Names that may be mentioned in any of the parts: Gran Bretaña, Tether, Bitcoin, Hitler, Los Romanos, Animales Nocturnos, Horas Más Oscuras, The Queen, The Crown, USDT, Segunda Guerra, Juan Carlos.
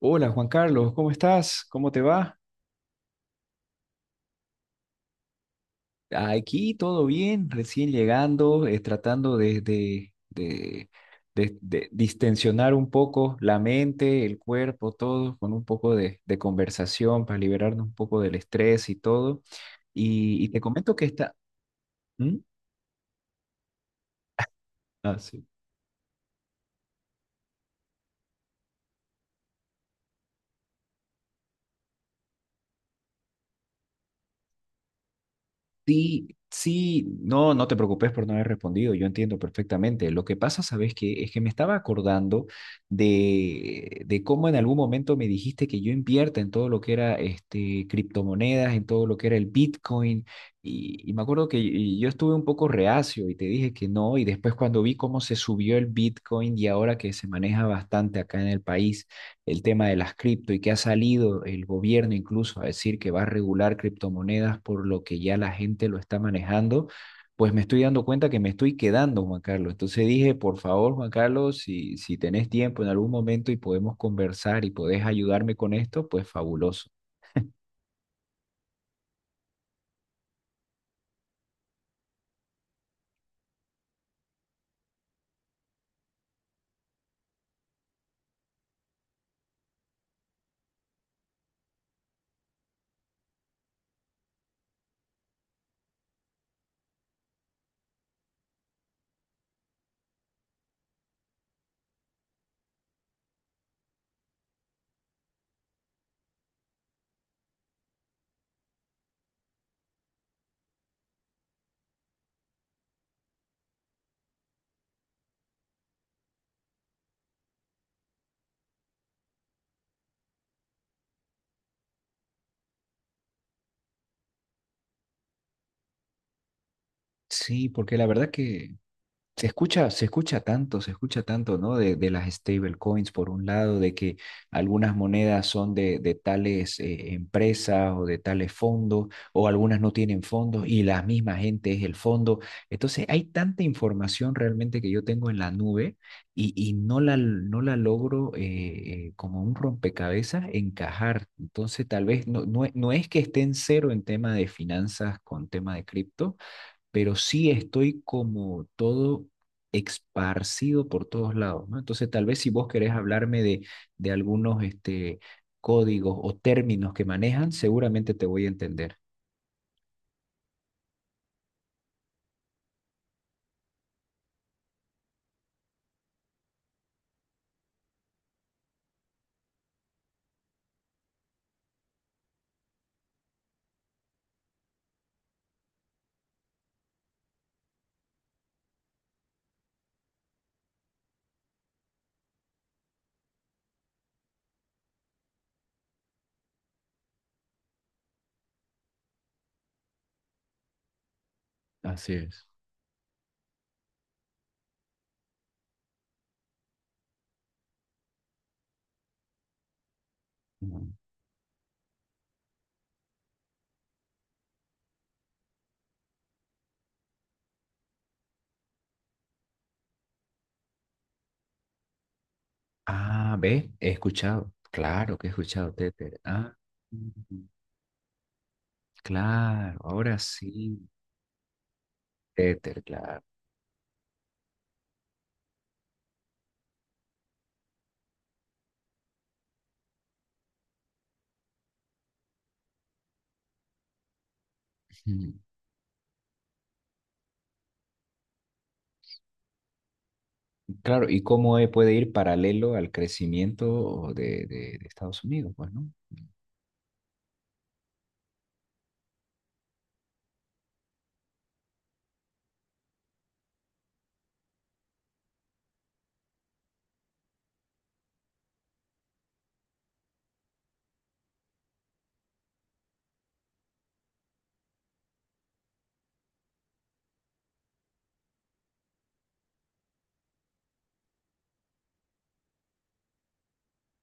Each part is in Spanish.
Hola Juan Carlos, ¿cómo estás? ¿Cómo te va? Aquí todo bien, recién llegando, tratando de distensionar un poco la mente, el cuerpo, todo, con un poco de conversación para liberarnos un poco del estrés y todo. Y te comento que está. ¿Mm? Ah, sí. Sí, sí, no, no te preocupes por no haber respondido, yo entiendo perfectamente. Lo que pasa, ¿sabes qué? Es que me estaba acordando de cómo en algún momento me dijiste que yo invierta en todo lo que era este, criptomonedas, en todo lo que era el Bitcoin, y me acuerdo que yo estuve un poco reacio y te dije que no, y después cuando vi cómo se subió el Bitcoin y ahora que se maneja bastante acá en el país el tema de las cripto y que ha salido el gobierno incluso a decir que va a regular criptomonedas por lo que ya la gente lo está manejando, pues me estoy dando cuenta que me estoy quedando, Juan Carlos. Entonces dije, por favor, Juan Carlos, si tenés tiempo en algún momento y podemos conversar y podés ayudarme con esto, pues fabuloso. Sí, porque la verdad que se escucha, se escucha tanto, ¿no? De las stablecoins, por un lado, de que algunas monedas son de tales empresas o de tales fondos, o algunas no tienen fondos y la misma gente es el fondo. Entonces, hay tanta información realmente que yo tengo en la nube y no la logro como un rompecabezas encajar. Entonces, tal vez no, no, no es que esté en cero en tema de finanzas con tema de cripto pero sí estoy como todo esparcido por todos lados, ¿no? Entonces, tal vez si vos querés hablarme de algunos este, códigos o términos que manejan, seguramente te voy a entender. Así es. Ujú. Ah, ¿ves? He escuchado. Claro que he escuchado Tether. Ah, ujú. Claro, ahora sí. Tether, claro. Ujú. Claro, ¿y cómo puede ir paralelo al crecimiento de Estados Unidos? Pues, ¿no?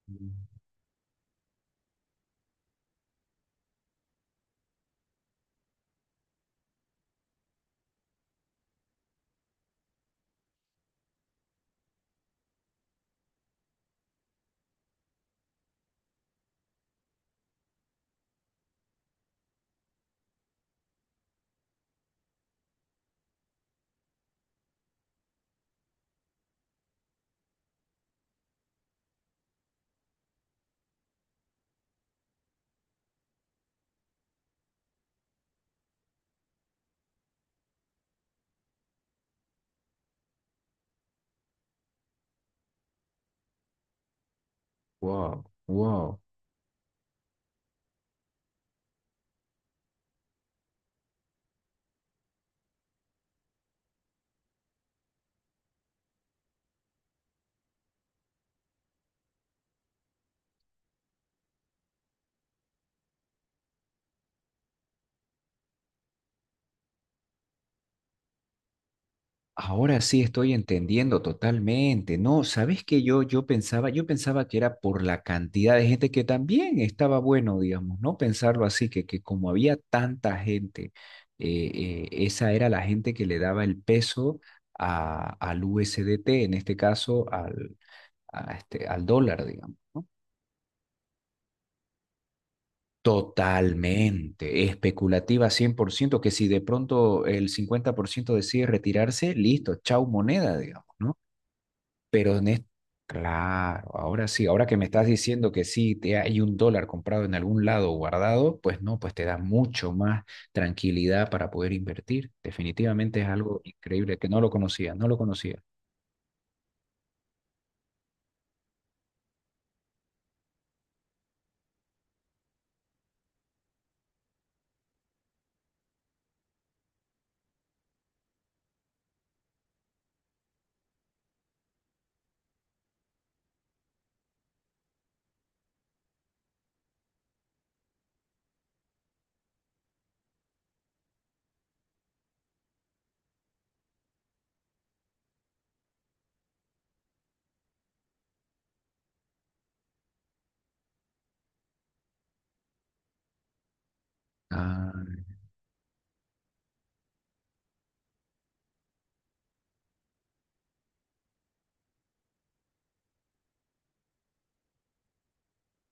Ujú. Wow, wow. Ahora sí estoy entendiendo totalmente. No, ¿sabes que yo pensaba que era por la cantidad de gente que también estaba bueno, digamos, ¿no? Pensarlo así, que como había tanta gente, esa era la gente que le daba el peso al USDT en este caso al dólar, digamos, ¿no? Totalmente, especulativa 100% que si de pronto el 50% decide retirarse, listo, chau moneda, digamos, ¿no? Pero en es- claro, ahora sí, ahora que me estás diciendo que sí, te hay un dólar comprado en algún lado guardado, pues no, pues te da mucho más tranquilidad para poder invertir. Definitivamente es algo increíble que no lo conocía, no lo conocía. Ah,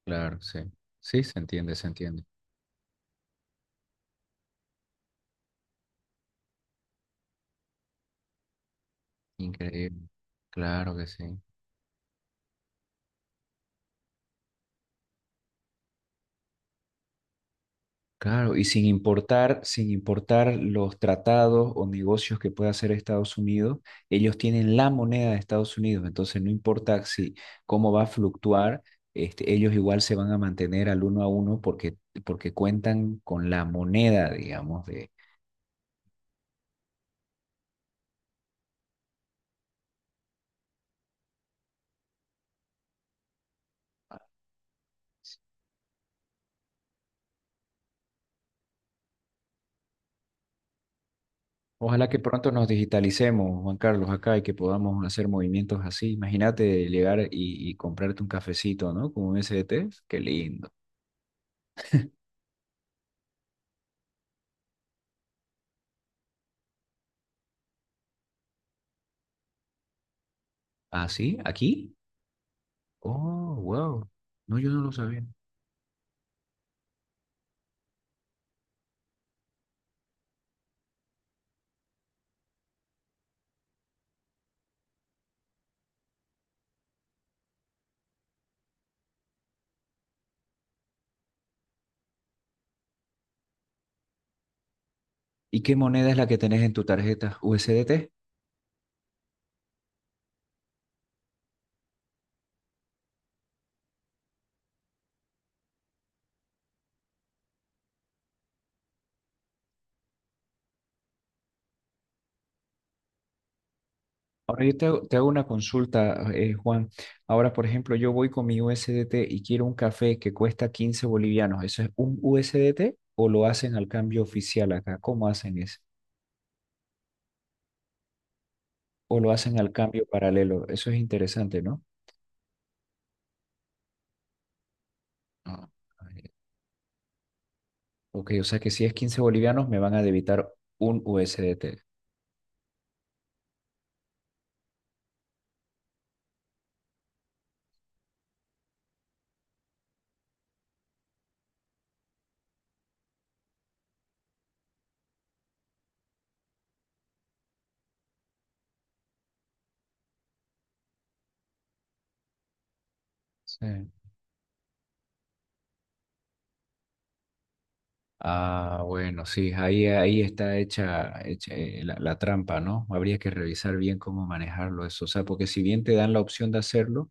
claro, sí. Sí, se entiende, se entiende. Increíble. Claro que sí. Claro, y sin importar, sin importar los tratados o negocios que pueda hacer Estados Unidos, ellos tienen la moneda de Estados Unidos, entonces no importa si cómo va a fluctuar, este, ellos igual se van a mantener al uno a uno porque, cuentan con la moneda, digamos, de... Ojalá que pronto nos digitalicemos, Juan Carlos, acá y que podamos hacer movimientos así. Imagínate llegar y comprarte un cafecito, ¿no? Como un SDT, qué lindo. ¿Ah, sí? ¿Aquí? Oh, wow. No, yo no lo sabía. ¿Y qué moneda es la que tenés en tu tarjeta? ¿USDT? Ahora te hago una consulta, Juan. Ahora, por ejemplo, yo voy con mi USDT y quiero un café que cuesta 15 bolivianos. ¿Eso es un USDT o lo hacen al cambio oficial acá? ¿Cómo hacen eso? ¿O lo hacen al cambio paralelo? Eso es interesante, ¿no? Ah, ah, ya. Ok, o sea que si es 15 bolivianos me van a debitar un USDT. Sí. Ah, bueno, sí, ahí está hecha, la trampa, ¿no? Habría que revisar bien cómo manejarlo eso. O sea, porque si bien te dan la opción de hacerlo,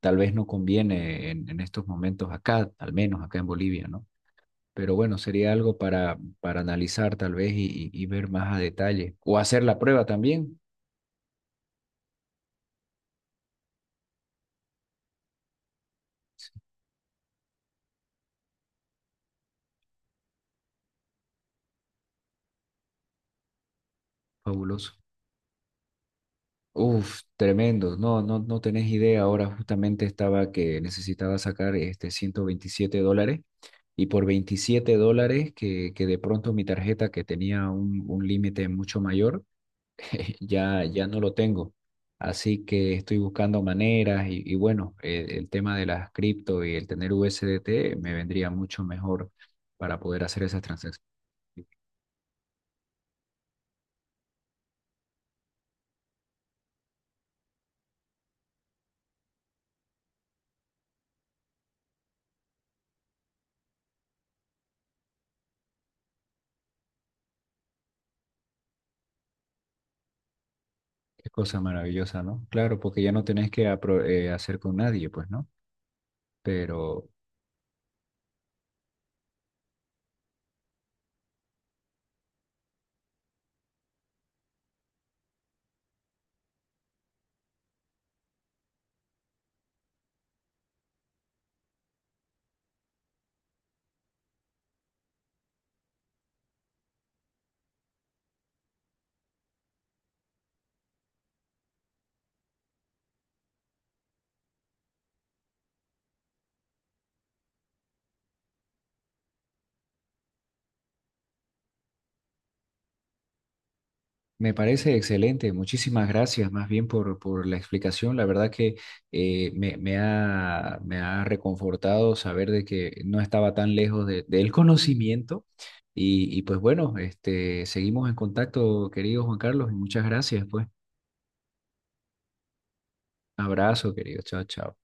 tal vez no conviene en estos momentos acá, al menos acá en Bolivia, ¿no? Pero bueno, sería algo para analizar tal vez y ver más a detalle. O hacer la prueba también. Sí, fabuloso. Uf, tremendo. No, no, no tenés idea. Ahora justamente estaba que necesitaba sacar este $127 y por $27 que de pronto mi tarjeta que tenía un límite mucho mayor, ya, ya no lo tengo. Así que estoy buscando maneras y bueno, el tema de las cripto y el tener USDT me vendría mucho mejor para poder hacer esas transacciones. Qué cosa maravillosa, ¿no? Claro, porque ya no tenés que hacer con nadie, pues, ¿no? Pero. Me parece excelente, muchísimas gracias más bien por la explicación. La verdad que me ha reconfortado saber de que no estaba tan lejos del conocimiento. Y pues bueno, este, seguimos en contacto, querido Juan Carlos, y muchas gracias, pues. Abrazo, querido. Chao, chao.